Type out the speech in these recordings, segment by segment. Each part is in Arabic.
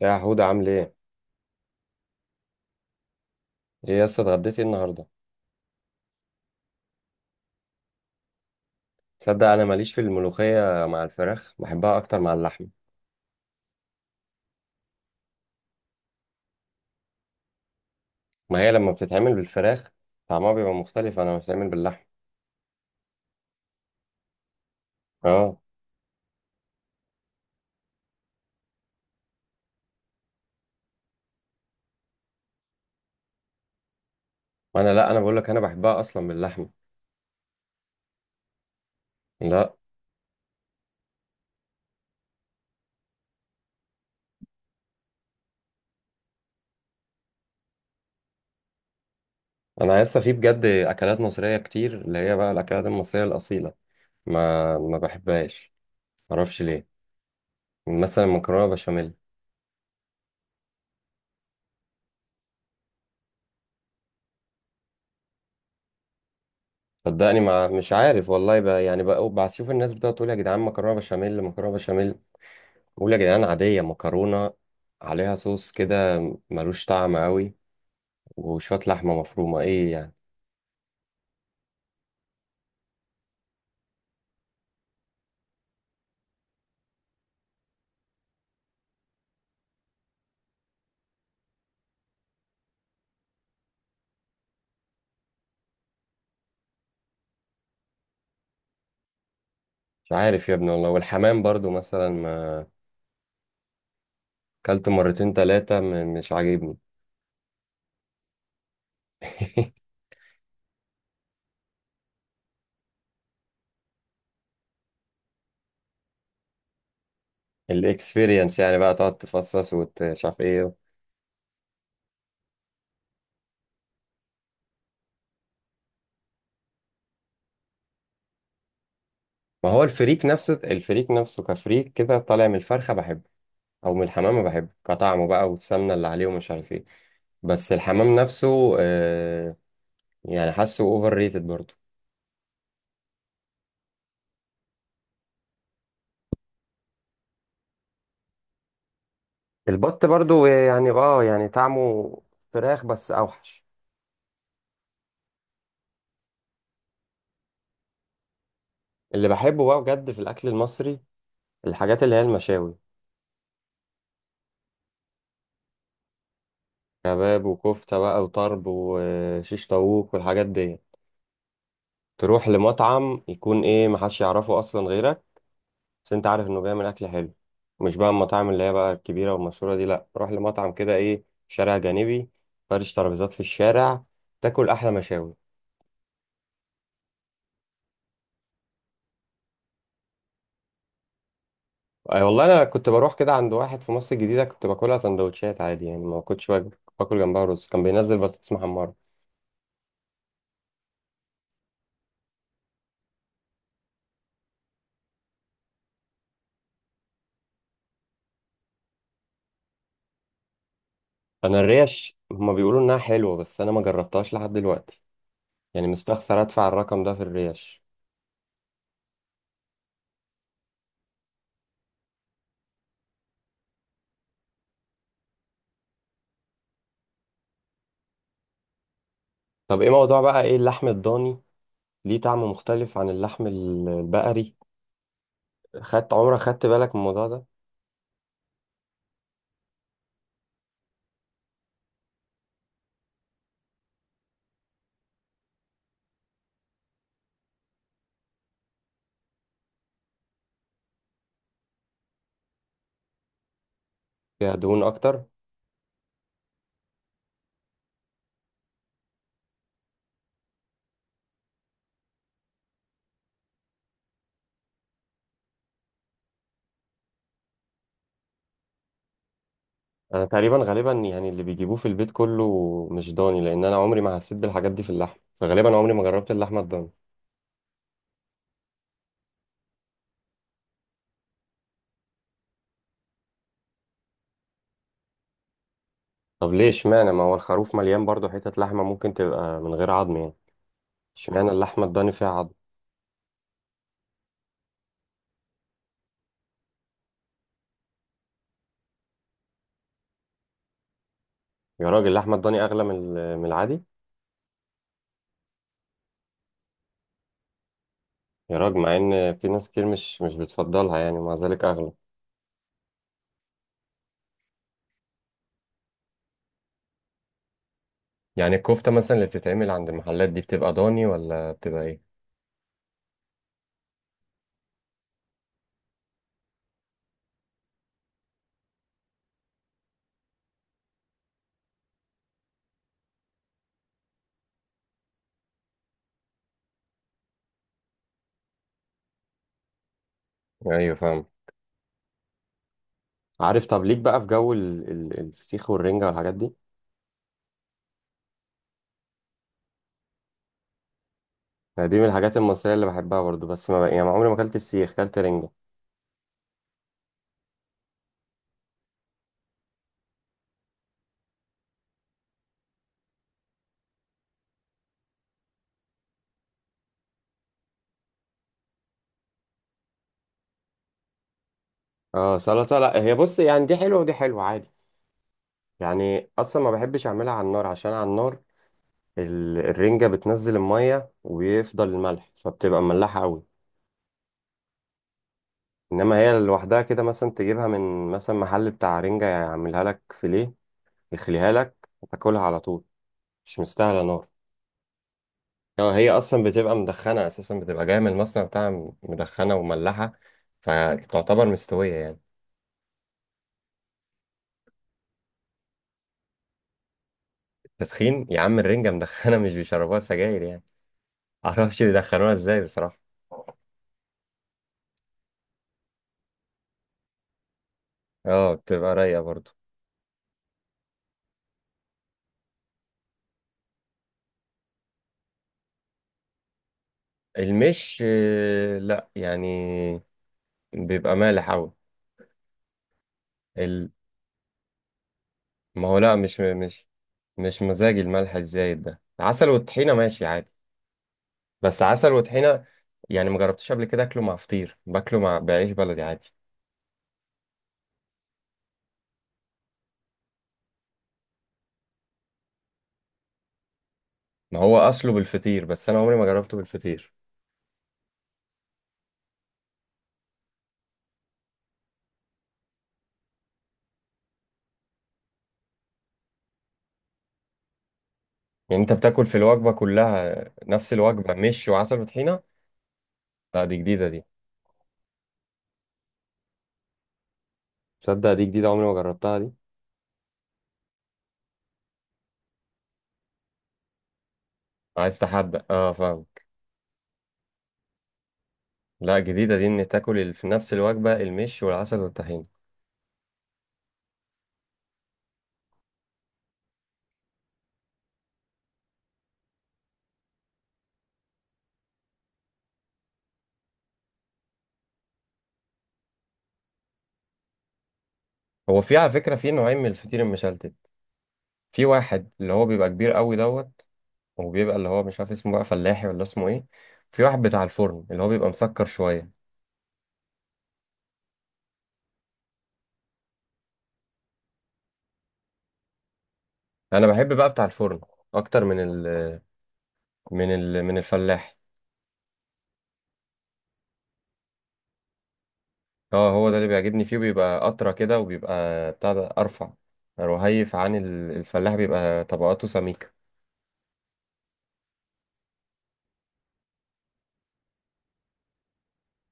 يا حودة عامل ايه؟ ايه يا اسطى اتغديتي إيه النهارده؟ تصدق انا ماليش في الملوخية مع الفراخ، بحبها اكتر مع اللحم. ما هي لما بتتعمل بالفراخ طعمها بيبقى مختلف، انا بتتعمل باللحم. اه. وانا لا، انا بقول لك انا بحبها اصلا باللحم. لا. انا لسه في بجد اكلات مصرية كتير اللي هي بقى الاكلات المصرية الاصيلة ما بحبهاش. معرفش ليه. مثلا مكرونة بشاميل. صدقني ما مش عارف والله بقى يعني بقى بشوف الناس بتقعد تقول يا جدعان مكرونة بشاميل، مكرونة بشاميل. بقول يا جدعان عادية، مكرونة عليها صوص كده، ملوش طعم قوي وشوية لحمة مفرومة، ايه يعني. مش عارف يا ابني والله، والحمام برضو مثلا ما اكلت مرتين تلاتة مش عاجبني. الاكسبيرينس يعني بقى تقعد تفصص ومش عارف ايه. ما هو الفريك نفسه الفريك نفسه كفريك كده طالع من الفرخة بحبه، او من الحمام بحبه كطعمه بقى والسمنة اللي عليه ومش عارف ايه. بس الحمام نفسه يعني حاسه اوفر ريتد برضو. البط برضو يعني يعني طعمه فراخ بس اوحش. اللي بحبه بقى بجد في الاكل المصري الحاجات اللي هي المشاوي. كباب وكفتة بقى وطرب وشيش طاووق والحاجات دي. تروح لمطعم يكون ايه محدش يعرفه اصلا غيرك، بس انت عارف انه بيعمل اكل حلو. مش بقى المطاعم اللي هي بقى الكبيرة والمشهورة دي، لا روح لمطعم كده ايه شارع جانبي، فرش ترابيزات في الشارع، تاكل احلى مشاوي. أي والله انا كنت بروح كده عند واحد في مصر الجديده، كنت باكلها سندوتشات عادي يعني ما كنتش باكل جنبها رز، كان بينزل بطاطس محمره. انا الريش هما بيقولوا انها حلوه بس انا ما جربتهاش لحد دلوقتي، يعني مستخسر ادفع الرقم ده في الريش. طب ايه موضوع بقى ايه اللحم الضاني ليه طعم مختلف عن اللحم البقري؟ خدت عمرك خدت بالك من الموضوع ده؟ فيها دهون اكتر. انا تقريبا غالبا يعني اللي بيجيبوه في البيت كله مش ضاني، لان انا عمري ما حسيت بالحاجات دي في اللحم فغالبا عمري ما جربت اللحمه الضاني. طب ليه اشمعنى ما هو الخروف مليان برضه حتت لحمة ممكن تبقى من غير عظم يعني. اشمعنى اللحمة الضاني فيها عظم. يا راجل اللحمة الضاني أغلى من العادي. يا راجل، مع إن في ناس كتير مش بتفضلها يعني ومع ذلك أغلى. يعني الكفتة مثلا اللي بتتعمل عند المحلات دي بتبقى ضاني ولا بتبقى إيه؟ أيوه فاهم. عارف، طب ليك بقى في جو الفسيخ والرنجة والحاجات دي. أنا دي من الحاجات المصرية اللي بحبها برضه، بس ما يعني عمري ما أكلت فسيخ، أكلت رنجة. اه سلطة، لا هي بص يعني دي حلوة ودي حلوة عادي. يعني اصلا ما بحبش اعملها على النار عشان على النار الرنجة بتنزل المية ويفضل الملح فبتبقى مملحة قوي. انما هي لوحدها كده مثلا تجيبها من مثلا محل بتاع رنجة يعملها لك فيليه، يخليها لك وتاكلها على طول، مش مستاهلة نار. هو هي اصلا بتبقى مدخنة اساسا، بتبقى جاية من المصنع بتاعها مدخنة ومملحة، فتعتبر مستوية يعني. تدخين يا عم، الرنجة مدخنة مش بيشربوها سجاير يعني. معرفش بيدخنوها ازاي بصراحة. اه بتبقى رايقة برضو. المش لا يعني بيبقى مالح أوي. ال... ما هو لا، مش مزاج الملح الزايد ده، عسل والطحينة ماشي عادي، بس عسل وطحينة. يعني ما جربتش قبل كده اكله مع فطير، باكله مع بعيش بلدي عادي. ما هو اصله بالفطير بس انا عمري ما جربته بالفطير. يعني انت بتاكل في الوجبة كلها نفس الوجبة مش وعسل وطحينة؟ لا دي جديدة دي. تصدق دي جديدة عمري ما جربتها دي. عايز تحدى، اه فاهمك. لا جديدة دي، ان تاكل في نفس الوجبة المش والعسل والطحينة. هو في على فكرة في نوعين من الفطير المشلتت. في واحد اللي هو بيبقى كبير قوي دوت. وبيبقى اللي هو مش عارف اسمه بقى فلاحي ولا اسمه ايه. في واحد بتاع الفرن اللي هو بيبقى مسكر شوية. انا بحب بقى بتاع الفرن اكتر من الفلاح. اه، هو ده اللي بيعجبني فيه بيبقى اطرى كده وبيبقى بتاع ده ارفع، رهيف عن الفلاح بيبقى طبقاته سميكة.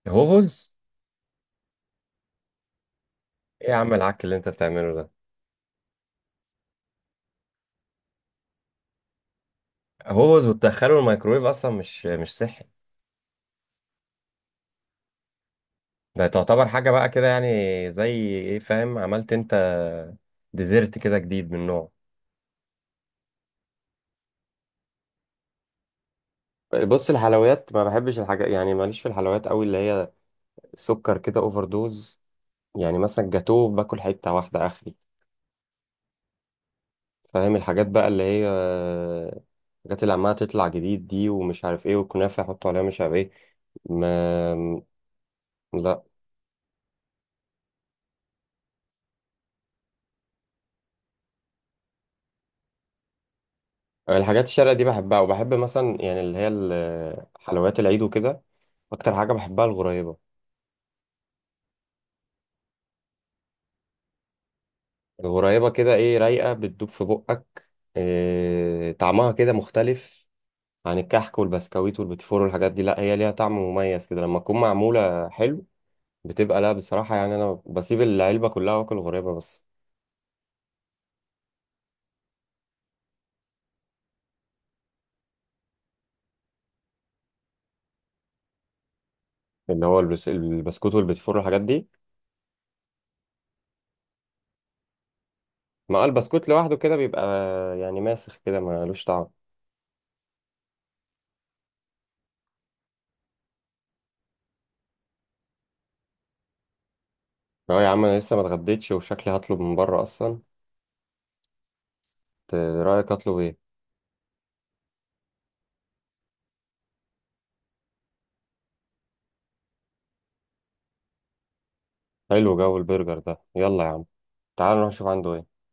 هوز. ايه يا عم العك اللي انت بتعمله ده. هوز وتدخله الميكرويف اصلا مش صحي. ده تعتبر حاجة بقى كده، يعني زي ايه، فاهم عملت انت ديزرت كده جديد من نوعه. بص، الحلويات ما بحبش الحاجات يعني ماليش في الحلويات قوي اللي هي السكر كده اوفر دوز. يعني مثلا جاتوه باكل حته واحده اخري. فاهم الحاجات بقى اللي هي الحاجات اللي عماله تطلع جديد دي ومش عارف ايه والكنافه يحطوا عليها مش عارف ايه. ما لا، الحاجات الشرقية دي بحبها، وبحب مثلا يعني اللي هي حلويات العيد وكده. اكتر حاجه بحبها الغريبه. الغريبه كده ايه، رايقه بتدوب في بقك. إيه طعمها كده مختلف عن الكحك والبسكويت والبيتفور والحاجات دي، لا هي ليها طعم مميز كده لما تكون معمولة حلو. بتبقى، لا بصراحة يعني، أنا بسيب العلبة كلها وآكل غريبة بس. اللي هو البسكوت والبيتفور والحاجات دي. ما البسكوت لوحده كده بيبقى يعني ماسخ كده ملوش طعم. اه يا عم، أنا لسه ما اتغديتش وشكلي هطلب من بره أصلا. رأيك أطلب إيه؟ حلو جو البرجر ده، يلا يا عم تعال نروح نشوف عنده إيه.